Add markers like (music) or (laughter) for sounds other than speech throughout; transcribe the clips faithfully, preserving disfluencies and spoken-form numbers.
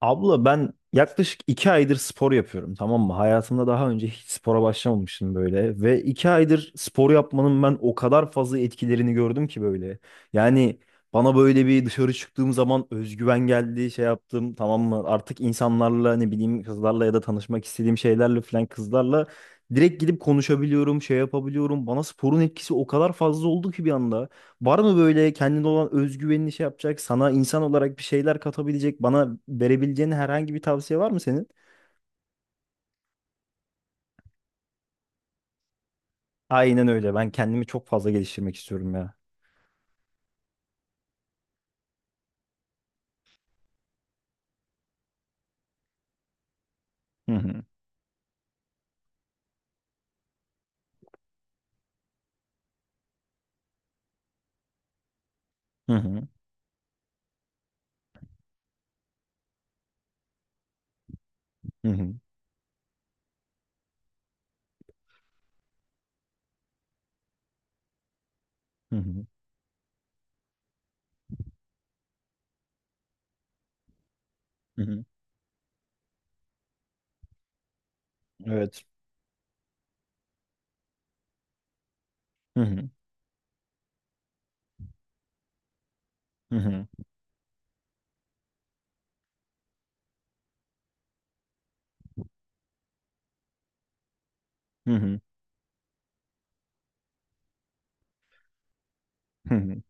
Abla ben yaklaşık iki aydır spor yapıyorum, tamam mı? Hayatımda daha önce hiç spora başlamamıştım böyle. Ve iki aydır spor yapmanın ben o kadar fazla etkilerini gördüm ki böyle. Yani bana böyle bir dışarı çıktığım zaman özgüven geldi, şey yaptım, tamam mı? Artık insanlarla ne bileyim, kızlarla ya da tanışmak istediğim şeylerle falan, kızlarla direkt gidip konuşabiliyorum, şey yapabiliyorum. Bana sporun etkisi o kadar fazla oldu ki bir anda. Var mı böyle kendine olan özgüvenini şey yapacak, sana insan olarak bir şeyler katabilecek, bana verebileceğin herhangi bir tavsiye var mı senin? Aynen öyle. Ben kendimi çok fazla geliştirmek istiyorum ya. Hı hı. Hı hı. Hı hı. Hı hı. Hı hı. Evet. Hı hı. Hı hı. Hı hı. Hı hı.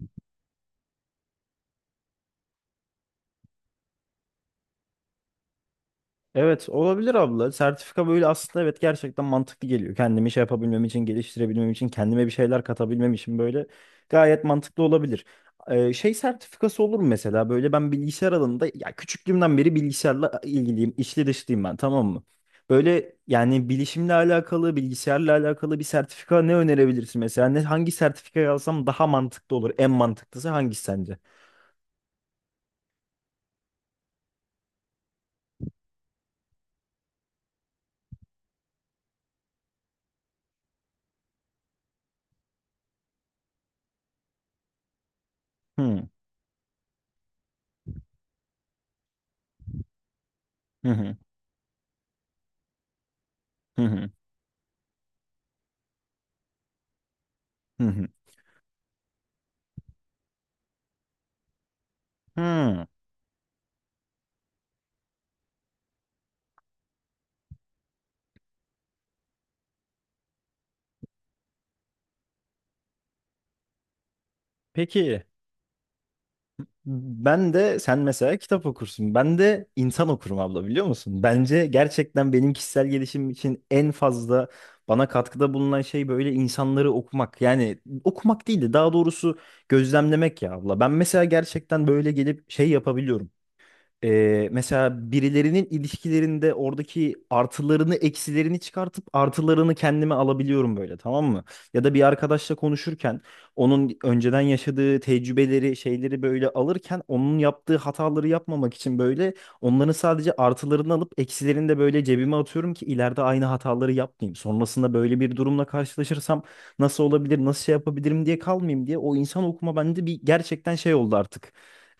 Evet, olabilir abla. Sertifika böyle, aslında evet, gerçekten mantıklı geliyor. Kendimi şey yapabilmem için, geliştirebilmem için, kendime bir şeyler katabilmem için böyle gayet mantıklı olabilir. Ee, şey sertifikası olur mu mesela? Böyle ben bilgisayar alanında, ya küçüklüğümden beri bilgisayarla ilgiliyim, içli dışlıyım ben, tamam mı? Böyle yani bilişimle alakalı, bilgisayarla alakalı bir sertifika ne önerebilirsin mesela? Ne, hangi sertifika alsam daha mantıklı olur? En mantıklısı hangisi sence? Hmm. Hı hı. Hı hı. Hı hı. Hı. Peki. Ben de sen mesela kitap okursun. Ben de insan okurum abla, biliyor musun? Bence gerçekten benim kişisel gelişim için en fazla bana katkıda bulunan şey böyle insanları okumak. Yani okumak değil de daha doğrusu gözlemlemek ya abla. Ben mesela gerçekten böyle gelip şey yapabiliyorum. Ee, mesela birilerinin ilişkilerinde oradaki artılarını eksilerini çıkartıp artılarını kendime alabiliyorum böyle, tamam mı? Ya da bir arkadaşla konuşurken onun önceden yaşadığı tecrübeleri, şeyleri böyle alırken onun yaptığı hataları yapmamak için böyle onların sadece artılarını alıp eksilerini de böyle cebime atıyorum ki ileride aynı hataları yapmayayım. Sonrasında böyle bir durumla karşılaşırsam nasıl olabilir, nasıl şey yapabilirim diye kalmayayım diye o insan okuma bende bir gerçekten şey oldu artık.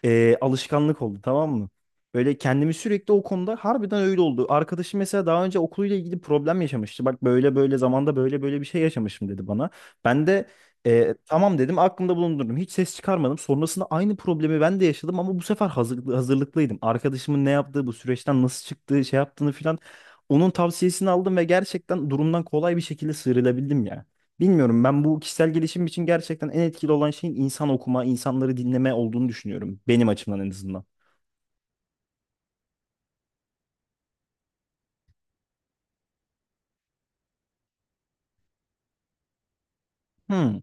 Ee, alışkanlık oldu, tamam mı? Böyle kendimi sürekli o konuda harbiden öyle oldu. Arkadaşım mesela daha önce okuluyla ilgili problem yaşamıştı. Bak böyle böyle zamanda böyle böyle bir şey yaşamışım dedi bana. Ben de e, tamam dedim, aklımda bulundurdum. Hiç ses çıkarmadım. Sonrasında aynı problemi ben de yaşadım ama bu sefer hazırlıklı, hazırlıklıydım. Arkadaşımın ne yaptığı, bu süreçten nasıl çıktığı, şey yaptığını filan. Onun tavsiyesini aldım ve gerçekten durumdan kolay bir şekilde sıyrılabildim ya. Bilmiyorum, ben bu kişisel gelişim için gerçekten en etkili olan şeyin insan okuma, insanları dinleme olduğunu düşünüyorum. Benim açımdan en azından. Hmm.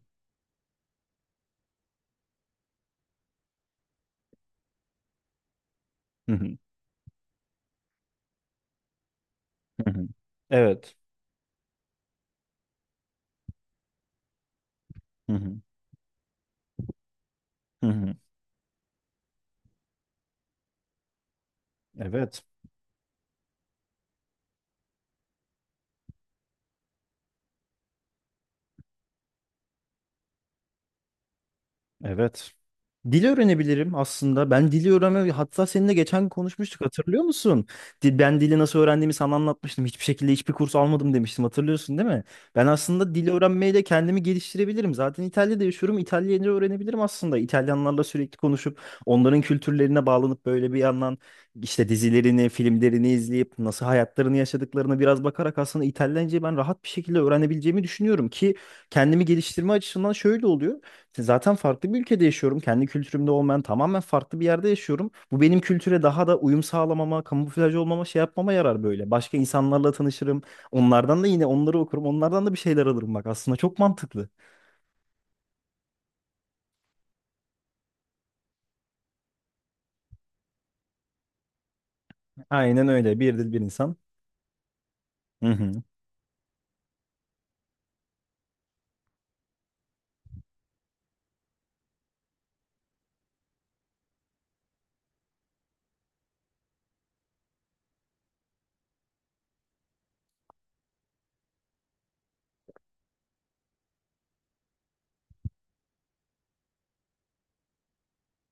(laughs) Hı hı. Evet. Hı hı. Hı hı. Evet. Evet. Dil öğrenebilirim aslında. Ben dili öğrenme, hatta seninle geçen konuşmuştuk, hatırlıyor musun? Dil, ben dili nasıl öğrendiğimi sana anlatmıştım. Hiçbir şekilde hiçbir kurs almadım demiştim, hatırlıyorsun değil mi? Ben aslında dil öğrenmeyle kendimi geliştirebilirim. Zaten İtalya'da yaşıyorum. İtalyanca öğrenebilirim aslında. İtalyanlarla sürekli konuşup onların kültürlerine bağlanıp böyle bir yandan işte dizilerini, filmlerini izleyip nasıl hayatlarını yaşadıklarına biraz bakarak aslında İtalyancayı ben rahat bir şekilde öğrenebileceğimi düşünüyorum ki kendimi geliştirme açısından şöyle oluyor. Zaten farklı bir ülkede yaşıyorum. Kendi kültürümde olmayan tamamen farklı bir yerde yaşıyorum. Bu benim kültüre daha da uyum sağlamama, kamuflaj olmama, şey yapmama yarar böyle. Başka insanlarla tanışırım. Onlardan da yine onları okurum. Onlardan da bir şeyler alırım bak. Aslında çok mantıklı. Aynen öyle. Bir dil bir insan. Hı hı.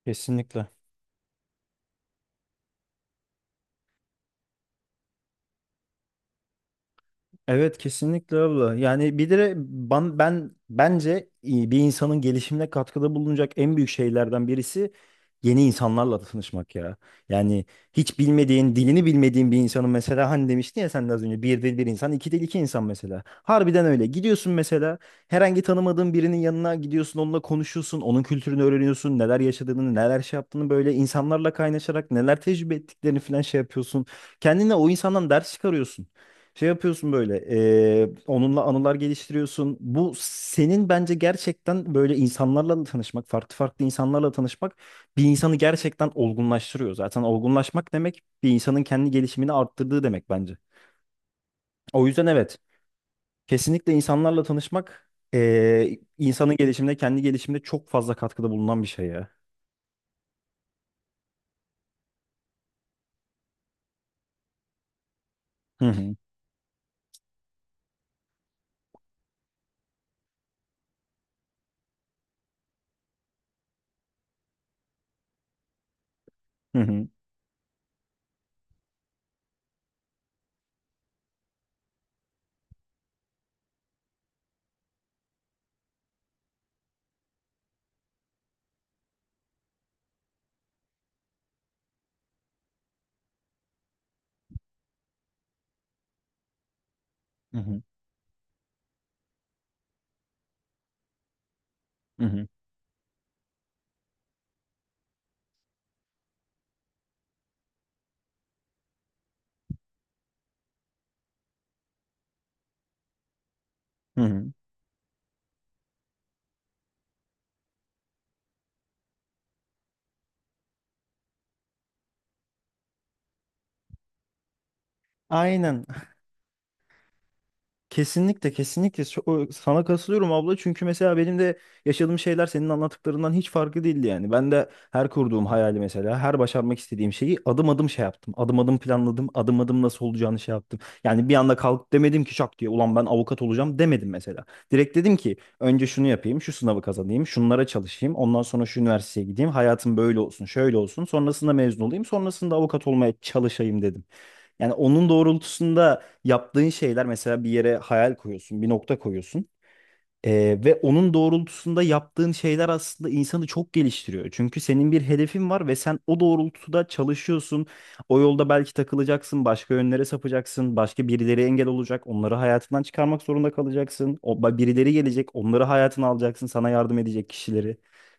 Kesinlikle. Evet, kesinlikle abla. Yani bir de ben, ben bence iyi bir insanın gelişimine katkıda bulunacak en büyük şeylerden birisi yeni insanlarla tanışmak ya. Yani hiç bilmediğin, dilini bilmediğin bir insanın, mesela hani demiştin ya sen de az önce, bir dil bir insan, iki dil iki insan mesela. Harbiden öyle. Gidiyorsun mesela, herhangi tanımadığın birinin yanına gidiyorsun, onunla konuşuyorsun, onun kültürünü öğreniyorsun, neler yaşadığını, neler şey yaptığını, böyle insanlarla kaynaşarak neler tecrübe ettiklerini falan şey yapıyorsun. Kendine o insandan ders çıkarıyorsun. Şey yapıyorsun böyle, eee, onunla anılar geliştiriyorsun. Bu senin bence gerçekten böyle insanlarla da tanışmak, farklı farklı insanlarla tanışmak bir insanı gerçekten olgunlaştırıyor. Zaten olgunlaşmak demek bir insanın kendi gelişimini arttırdığı demek bence. O yüzden evet, kesinlikle insanlarla tanışmak eee, insanın gelişimine, kendi gelişimine çok fazla katkıda bulunan bir şey ya. Hı hı, hı hı, hı hı, hı hı, hı hı. Aynen. Kesinlikle, kesinlikle. So- sana katılıyorum abla çünkü mesela benim de yaşadığım şeyler senin anlattıklarından hiç farklı değildi yani. Ben de her kurduğum hayali, mesela her başarmak istediğim şeyi adım adım şey yaptım. Adım adım planladım. Adım adım nasıl olacağını şey yaptım. Yani bir anda kalkıp demedim ki şak diye ulan ben avukat olacağım demedim mesela. Direkt dedim ki önce şunu yapayım, şu sınavı kazanayım, şunlara çalışayım, ondan sonra şu üniversiteye gideyim, hayatım böyle olsun, şöyle olsun, sonrasında mezun olayım, sonrasında avukat olmaya çalışayım dedim. Yani onun doğrultusunda yaptığın şeyler, mesela bir yere hayal koyuyorsun, bir nokta koyuyorsun. Ee, ve onun doğrultusunda yaptığın şeyler aslında insanı çok geliştiriyor. Çünkü senin bir hedefin var ve sen o doğrultuda çalışıyorsun. O yolda belki takılacaksın, başka yönlere sapacaksın, başka birileri engel olacak, onları hayatından çıkarmak zorunda kalacaksın. O ba- birileri gelecek, onları hayatına alacaksın, sana yardım edecek kişileri.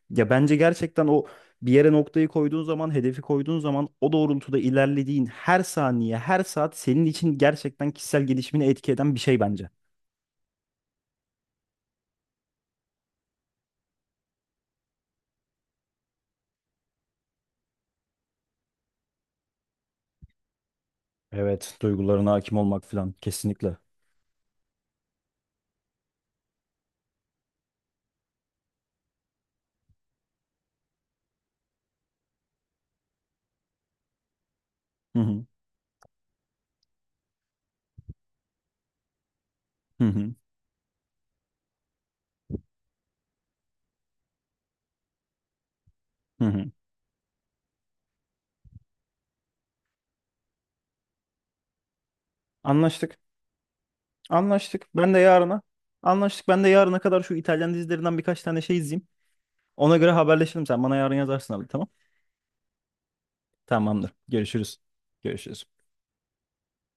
Ya bence gerçekten o, bir yere noktayı koyduğun zaman, hedefi koyduğun zaman o doğrultuda ilerlediğin her saniye, her saat senin için gerçekten kişisel gelişimini etki eden bir şey bence. Evet, duygularına hakim olmak falan kesinlikle. Hı hı, hı hı, hı hı. Anlaştık. Anlaştık. Ben de yarına. Anlaştık. Ben de yarına kadar şu İtalyan dizilerinden birkaç tane şey izleyeyim. Ona göre haberleşelim. Sen bana yarın yazarsın abi, tamam. Tamamdır. Görüşürüz. Görüşürüz.